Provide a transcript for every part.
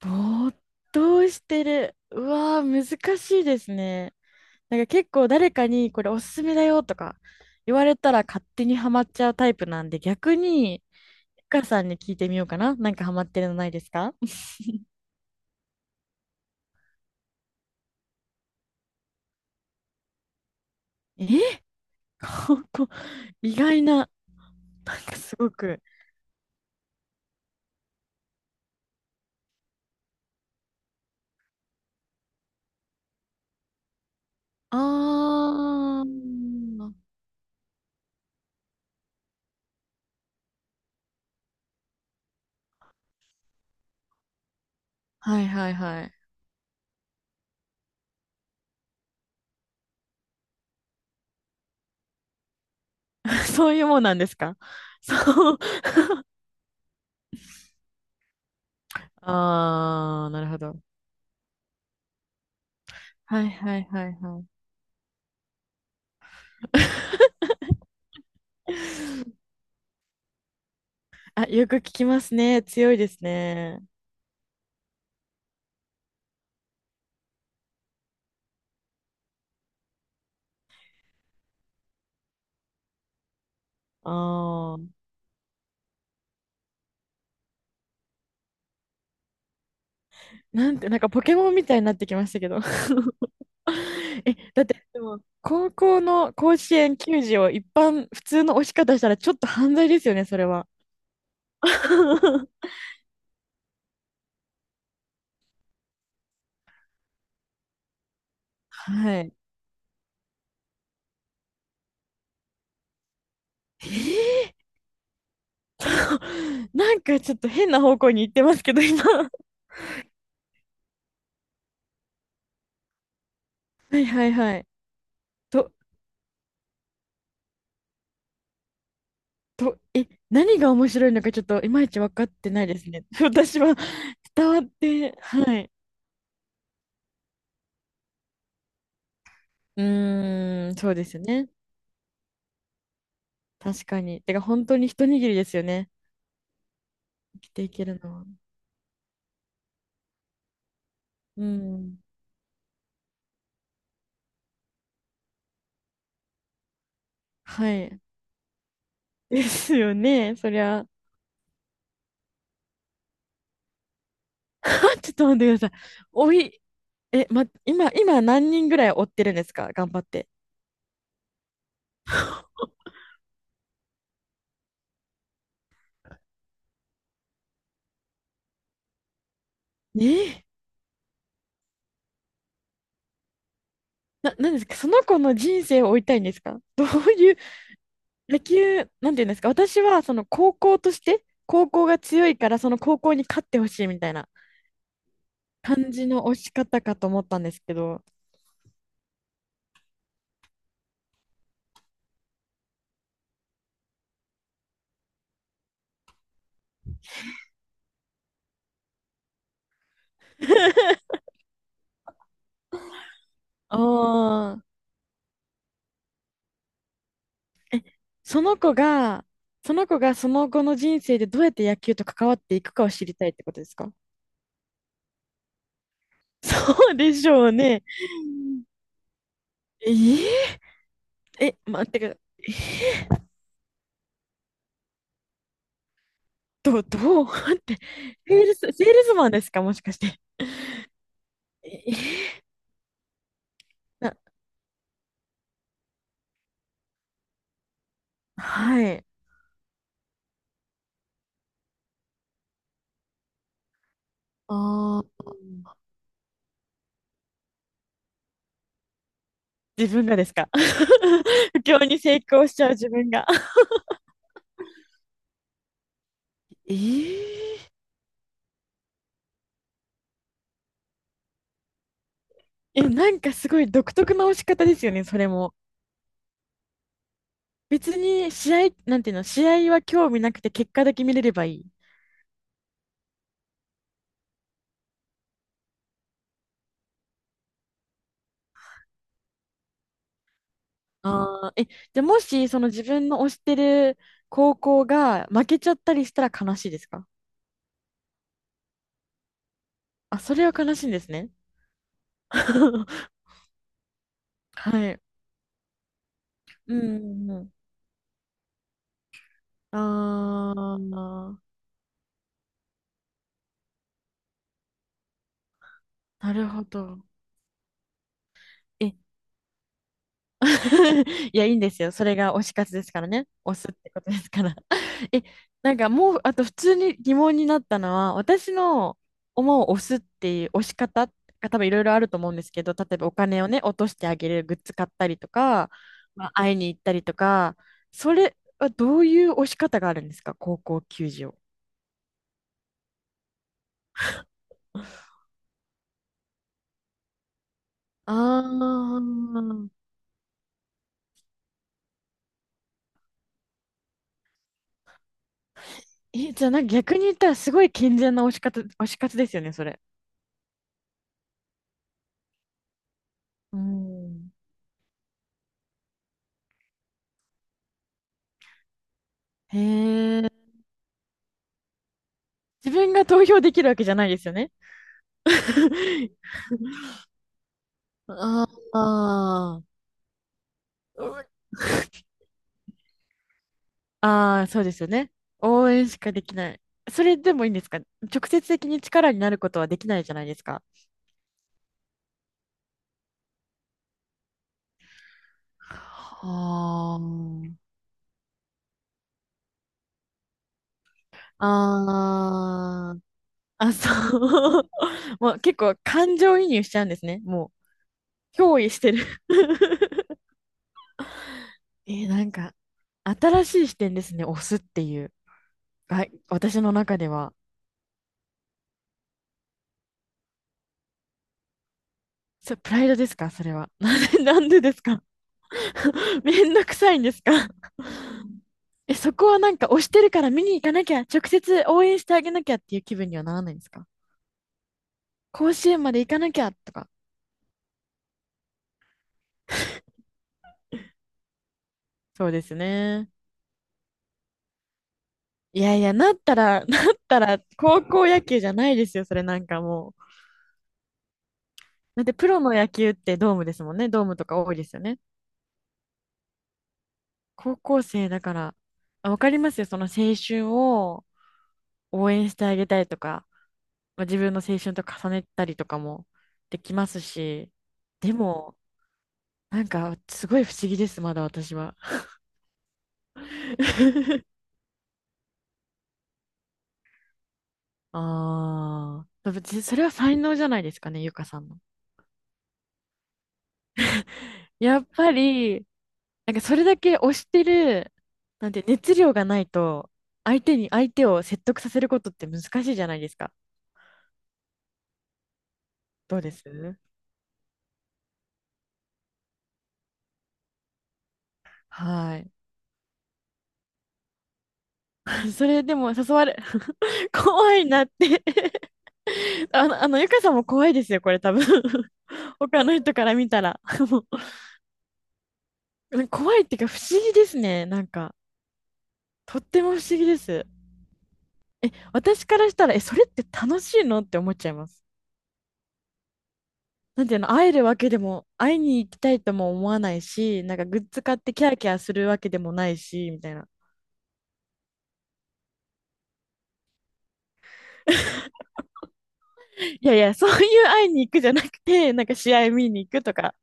ぼーっとしてる。うわー、難しいですね。なんか結構誰かにこれおすすめだよとか言われたら勝手にハマっちゃうタイプなんで、逆に、ゆかさんに聞いてみようかな。なんかハマってるのないですか？え、ここ、意外な、なんかすごく。あー、はいはいはい。そういうもんなんですか？そう。あー、なるほど。はいはいはいはい。あ、よく聞きますね。強いですね。ああ。なんて、なんかポケモンみたいになってきましたけど。え、だって、でも、高校の甲子園球児を一般、普通の押し方したらちょっと犯罪ですよね、それは。はい。えー、なんかちょっと変な方向に行ってますけど、今。はいはいはい。と、と、え、何が面白いのかちょっといまいち分かってないですね。私は伝わって、はい。うーん、そうですよね。確かに。てか、本当に一握りですよね。生きていけるのは。うん。はい。ですよね、そりゃ。ちょっと待ってください。おい、え、ま、今、今何人ぐらい追ってるんですか？頑張って。えー、な、なんですか？その子の人生を追いたいんですか？どういう、野球、なんていうんですか、私は、その高校として、高校が強いから、その高校に勝ってほしいみたいな感じの推し方かと思ったんですけど。ああ。その子が、その子がその後の人生でどうやって野球と関わっていくかを知りたいってことですか？ そうでしょうね。えー、え、待ってください。どどう 待って、セールス、セールスマンですか、もしかして。えな、はい。ああ、自分がですか？ 不況に成功しちゃう自分が。えー え、なんかすごい独特な押し方ですよね、それも。別に試合、なんていうの、試合は興味なくて結果だけ見れればいい。ああ、え、じゃあもし、その自分の推してる高校が負けちゃったりしたら悲しいですか？あ、それは悲しいんですね。はい。うんうんうん。ああ、なるほど。え、いや、いいんですよ。それが推し活ですからね。推すってことですから。え、なんかもう、あと普通に疑問になったのは、私の思う推すっていう推し方が多分いろいろあると思うんですけど、例えばお金をね、落としてあげる、グッズ買ったりとか、まあ、会いに行ったりとか、それはどういう推し方があるんですか、高校球児を。ああ。え、じゃあなんか逆に言ったらすごい健全な推し活、推し活ですよね、それ。うん。へえ。自分が投票できるわけじゃないですよね。ああ、ああー、そうですよね。応援しかできない。それでもいいんですか？直接的に力になることはできないじゃないですか。はあ、あーあ、そう。もう結構感情移入しちゃうんですね。もう、憑依してる えー、なんか、新しい視点ですね、押すっていう。はい、私の中では。それプライドですか、それは。なんで、なんでですか？ めんどくさいんですか？ え、そこはなんか推してるから見に行かなきゃ、直接応援してあげなきゃっていう気分にはならないんですか？甲子園まで行かなきゃとか。そうですね。いやいや、なったら、なったら高校野球じゃないですよ、それなんかもう。だってプロの野球ってドームですもんね。ドームとか多いですよね。高校生だから、あ、わかりますよ、その青春を応援してあげたいとか。まあ、自分の青春と重ねたりとかもできますし、でも、なんか、すごい不思議です、まだ私は。ああ、別にそれは才能じゃないですかね、ゆかさんの。やっぱり、なんかそれだけ推してる、なんて熱量がないと、相手に、相手を説得させることって難しいじゃないですか。どうですはい。それでも誘われ、怖いなって あの、あの、ゆかさんも怖いですよ、これ多分 他の人から見たら もう怖いっていうか不思議ですね、なんか。とっても不思議です。私からしたら、え、それって楽しいのって思っちゃいます。なんていうの、会えるわけでも、会いに行きたいとも思わないし、なんかグッズ買ってキャーキャーするわけでもないし、みたいな。いやいや、そういう会いに行くじゃなくて、なんか試合見に行くとか、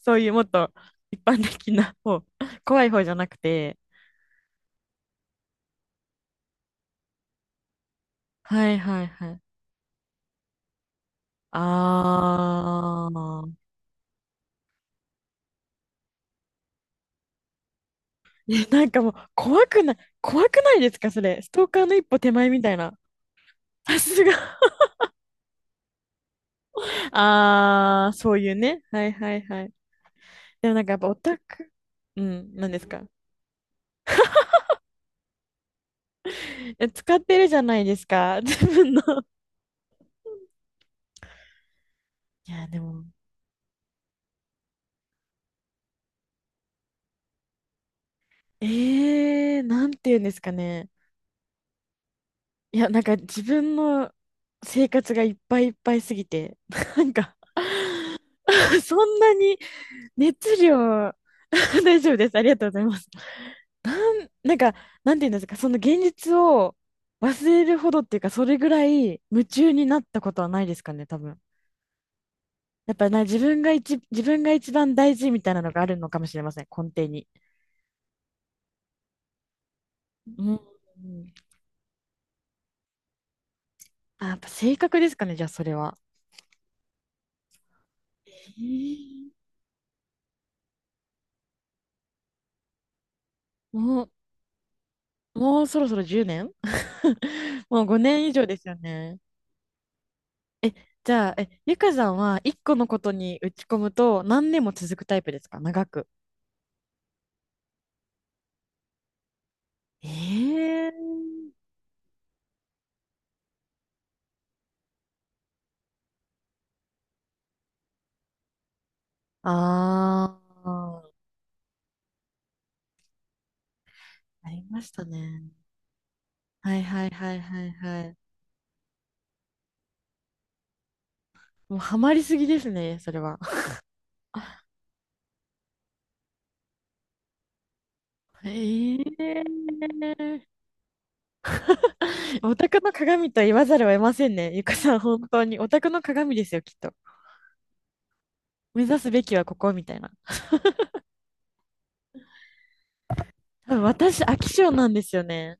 そういうもっと一般的な方、怖い方じゃなくて。はいはいはい。あー。え、なんかもう怖くない、怖くないですか、それ。ストーカーの一歩手前みたいな。さすが。あー、そういうね。はいはいはい。でもなんかやっぱオタク、うん、なんですか。え、使ってるじゃないですか、自分の。いや、でも、えー、なんて言うんですかね。いや、なんか自分の生活がいっぱいいっぱいすぎて、なんか そんなに熱量 大丈夫です。ありがとうございます。なんか、なんて言うんですか、その現実を忘れるほどっていうか、それぐらい夢中になったことはないですかね、多分。やっぱりな、自分が一、自分が一番大事みたいなのがあるのかもしれません、根底に。うん。あ、やっぱ性格ですかね、じゃあそれは。えー、お、もうそろそろ10年 もう5年以上ですよね。え、じゃあ、え、ゆかさんは1個のことに打ち込むと何年も続くタイプですか、長く。ええー、ああ、ありましたね。はいはいはいはいはい。もうハマりすぎですね、それは。ええー、オタクの鏡と言わざるを得ませんね。ゆかさん、本当に。オタクの鏡ですよ、きっと。目指すべきはここみたいな。多分私、飽き性なんですよね。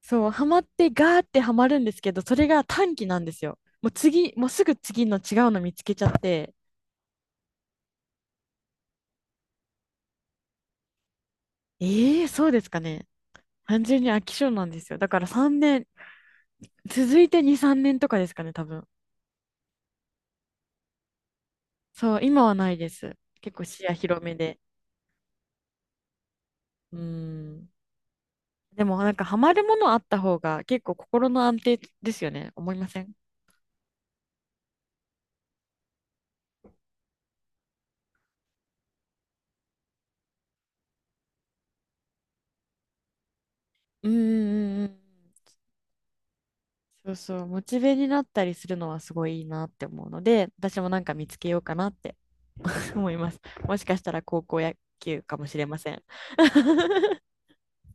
そう、ハマってガーってハマるんですけど、それが短期なんですよ。もう次、もうすぐ次の違うの見つけちゃって、ええー、そうですかね。単純に飽き性なんですよ。だから3年、続いて2、3年とかですかね、多分。そう、今はないです。結構視野広めで。うーん。でもなんかハマるものあった方が結構心の安定ですよね。思いません？うーんうんうん。そうそう、モチベになったりするのはすごいいいなって思うので、私もなんか見つけようかなって 思います。もしかしたら高校野球かもしれません。